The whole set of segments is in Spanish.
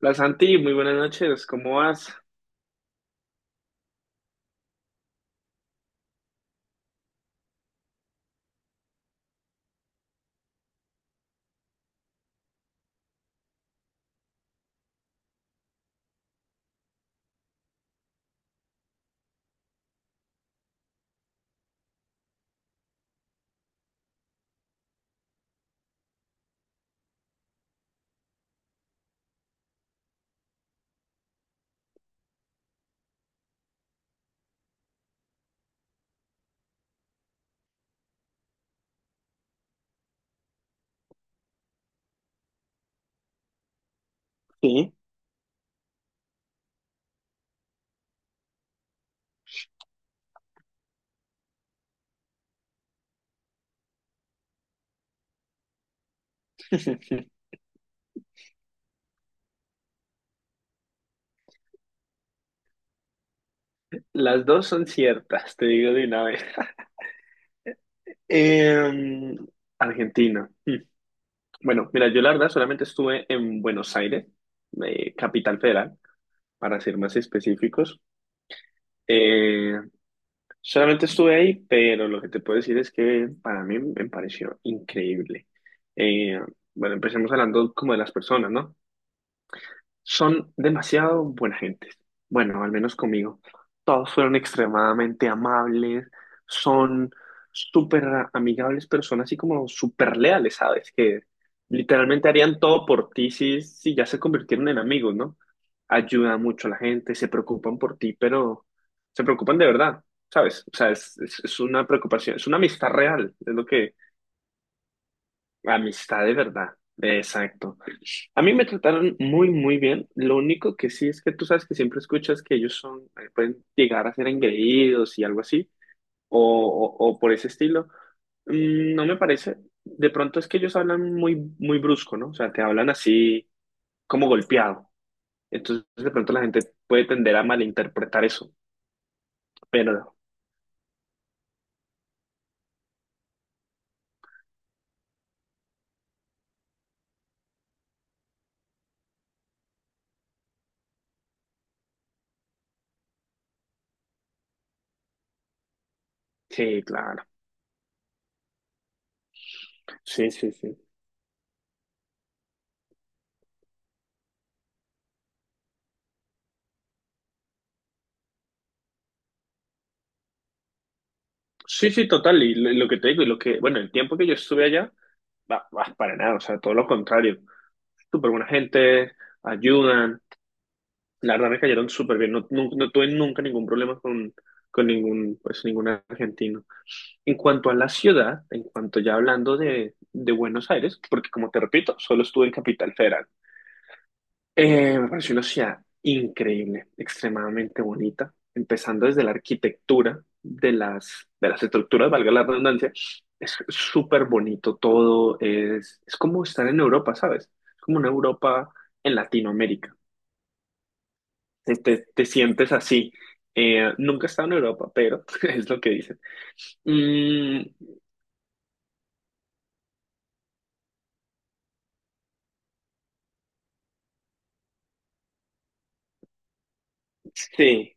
Hola Santi, muy buenas noches, ¿cómo vas? Sí. Las dos son ciertas, te digo de una vez. Em, Argentina. Mm. Bueno, mira, yo la verdad solamente estuve en Buenos Aires, Capital Federal, para ser más específicos. Eh, Solamente estuve ahí, pero lo que te puedo decir es que para mí me pareció increíble. Eh, bueno, empecemos hablando como de las personas, ¿no? Son demasiado buena gente. Bueno, al menos conmigo. Todos fueron extremadamente amables, son súper amigables, pero son así como súper leales, ¿sabes? Que literalmente harían todo por ti si ya se convirtieron en amigos, ¿no? Ayudan mucho a la gente, se preocupan por ti, pero se preocupan de verdad, ¿sabes? O sea, es una preocupación, es una amistad real, es lo que... Amistad de verdad, exacto. A mí me trataron muy, muy bien. Lo único que sí es que tú sabes que siempre escuchas que ellos son, pueden llegar a ser engreídos y algo así, o, o por ese estilo. No me parece. De pronto es que ellos hablan muy, muy brusco, ¿no? O sea, te hablan así como golpeado. Entonces, de pronto la gente puede tender a malinterpretar eso. Pero, sí, claro. Sí, sí, sí. Sí, sí, total. Y lo que te digo, y lo que, bueno, el tiempo que yo estuve allá, va para nada. O sea, todo lo contrario. Súper buena gente, ayudan. La verdad me cayeron súper bien. No, no tuve nunca ningún problema con ningún, pues, ningún argentino. En cuanto a la ciudad, en cuanto ya hablando de Buenos Aires, porque como te repito, solo estuve en Capital Federal. Me pareció una ciudad increíble, extremadamente bonita, empezando desde la arquitectura de las estructuras, valga la redundancia. Es súper bonito todo, es como estar en Europa, ¿sabes? Es como una Europa en Latinoamérica. Te sientes así. Nunca he estado en Europa, pero es lo que dicen. Mm, sí,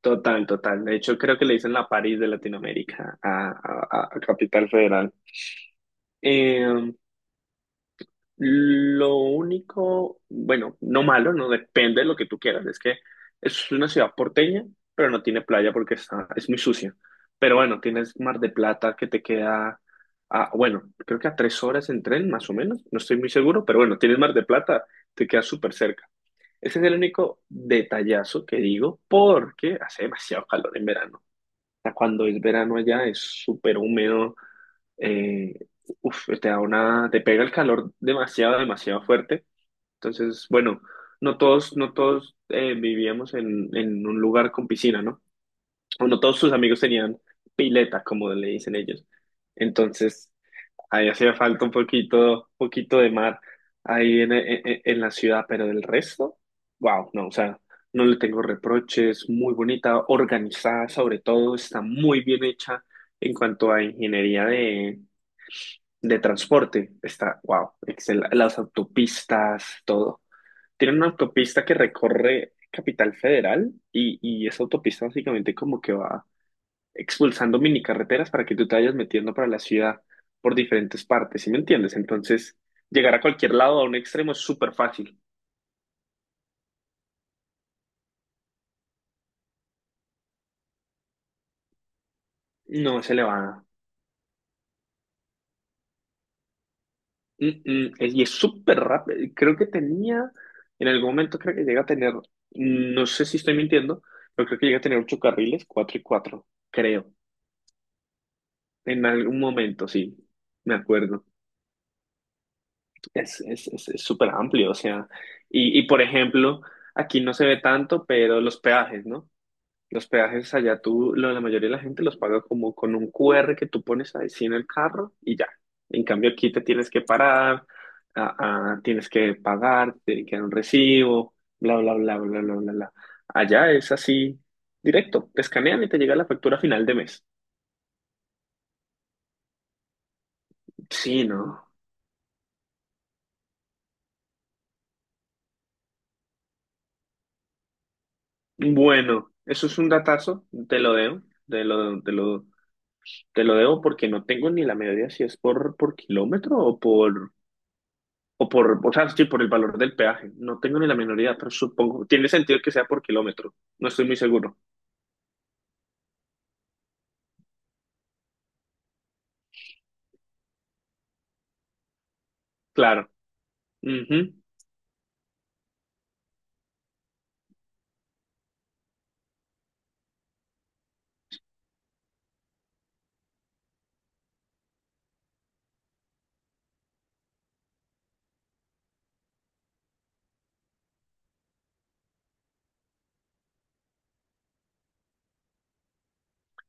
total, total. De hecho, creo que le dicen la París de Latinoamérica a, a Capital Federal. Eh, Lo único, bueno, no malo, no depende de lo que tú quieras. Es que es una ciudad porteña, pero no tiene playa porque está, es muy sucia. Pero bueno, tienes Mar de Plata que te queda a, bueno, creo que a tres horas en tren, más o menos. No estoy muy seguro, pero bueno, tienes Mar de Plata, te queda súper cerca. Ese es el único detallazo que digo porque hace demasiado calor en verano. O sea, cuando es verano allá es súper húmedo, eh, te da una, te pega el calor demasiado, demasiado fuerte. Entonces, bueno, no todos vivíamos en un lugar con piscina, ¿no? O no todos sus amigos tenían pileta, como le dicen ellos. Entonces, ahí hacía falta un poquito, poquito de mar ahí en la ciudad, pero del resto, wow, no, o sea, no le tengo reproches, muy bonita, organizada sobre todo, está muy bien hecha en cuanto a ingeniería de transporte está, wow, excel, las autopistas, todo. Tiene una autopista que recorre Capital Federal y esa autopista básicamente como que va expulsando mini carreteras para que tú te vayas metiendo para la ciudad por diferentes partes, ¿sí me entiendes? Entonces, llegar a cualquier lado, a un extremo, es súper fácil. No se le va. Y es súper rápido. Creo que tenía, en algún momento creo que llega a tener, no sé si estoy mintiendo, pero creo que llega a tener ocho carriles, cuatro y cuatro, creo. En algún momento, sí, me acuerdo. Es súper amplio, o sea, y por ejemplo, aquí no se ve tanto, pero los peajes, ¿no? Los peajes allá tú, la mayoría de la gente los paga como con un QR que tú pones ahí sí en el carro y ya. En cambio aquí te tienes que parar, tienes que pagar, te tiene que dar un recibo, bla, bla, bla, bla, bla, bla, bla. Allá es así, directo, te escanean y te llega la factura a final de mes. Sí, ¿no? Bueno, eso es un datazo, te lo debo, te lo, te lo, te lo debo porque no tengo ni la medida si es por kilómetro o sea, sí, por el valor del peaje. No tengo ni la menor idea, pero supongo, tiene sentido que sea por kilómetro. No estoy muy seguro. Claro. Ujú.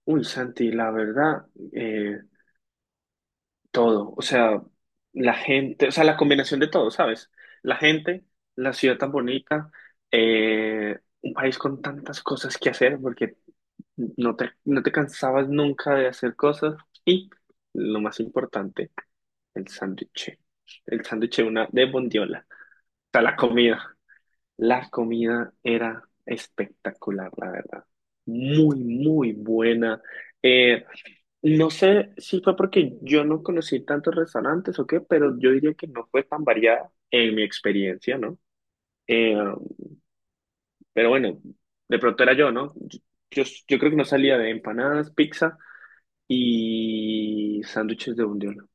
Uy, Santi, la verdad, eh, todo. O sea, la gente, o sea, la combinación de todo, ¿sabes? La gente, la ciudad tan bonita, un país con tantas cosas que hacer, porque no te cansabas nunca de hacer cosas. Y lo más importante, el sándwich. El sándwich de una de bondiola. O sea, la comida. La comida era espectacular, la verdad. Muy, muy buena. Eh, no sé si fue porque yo no conocí tantos restaurantes o qué, pero yo diría que no fue tan variada en mi experiencia, ¿no? Eh, pero bueno, de pronto era yo, ¿no? Yo yo creo que no salía de empanadas, pizza y sándwiches de bondiola.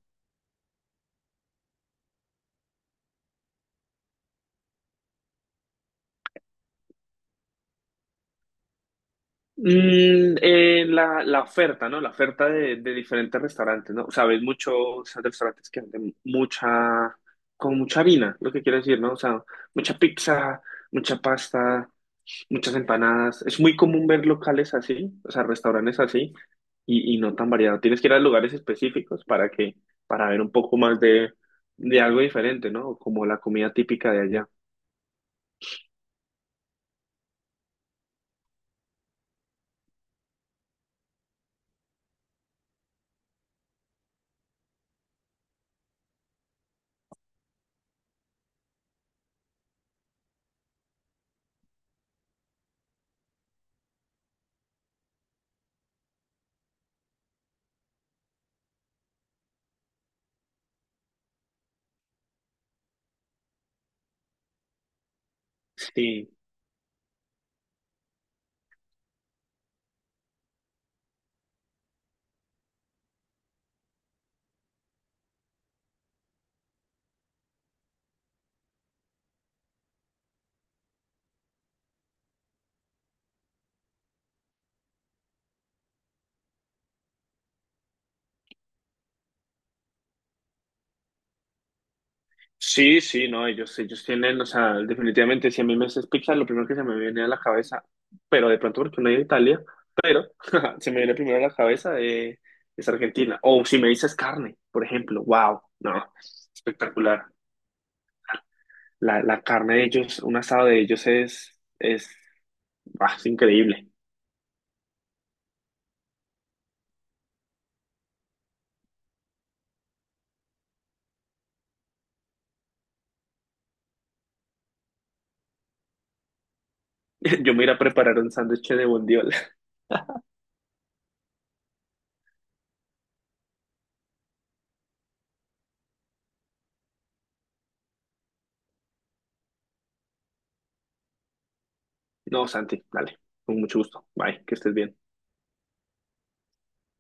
La oferta, ¿no? La oferta de diferentes restaurantes, ¿no? O sea ves muchos restaurantes que venden mucha, con mucha harina, lo que quiero decir, ¿no? O sea, mucha pizza, mucha pasta, muchas empanadas. Es muy común ver locales así, o sea, restaurantes así, y no tan variado. Tienes que ir a lugares específicos para ver un poco más de algo diferente, ¿no? Como la comida típica de allá. Sí, sí, sí, no, ellos tienen, o sea, definitivamente, si a mí me haces pizza, lo primero que se me viene a la cabeza, pero de pronto porque no es de Italia, pero se me viene primero a la cabeza es Argentina. O si me dices carne, por ejemplo, wow, no, espectacular. La carne de ellos, un asado de ellos es, ah, es increíble. Yo me iré a preparar un sándwich de bondiola. No, Santi, dale, con mucho gusto. Bye, que estés bien.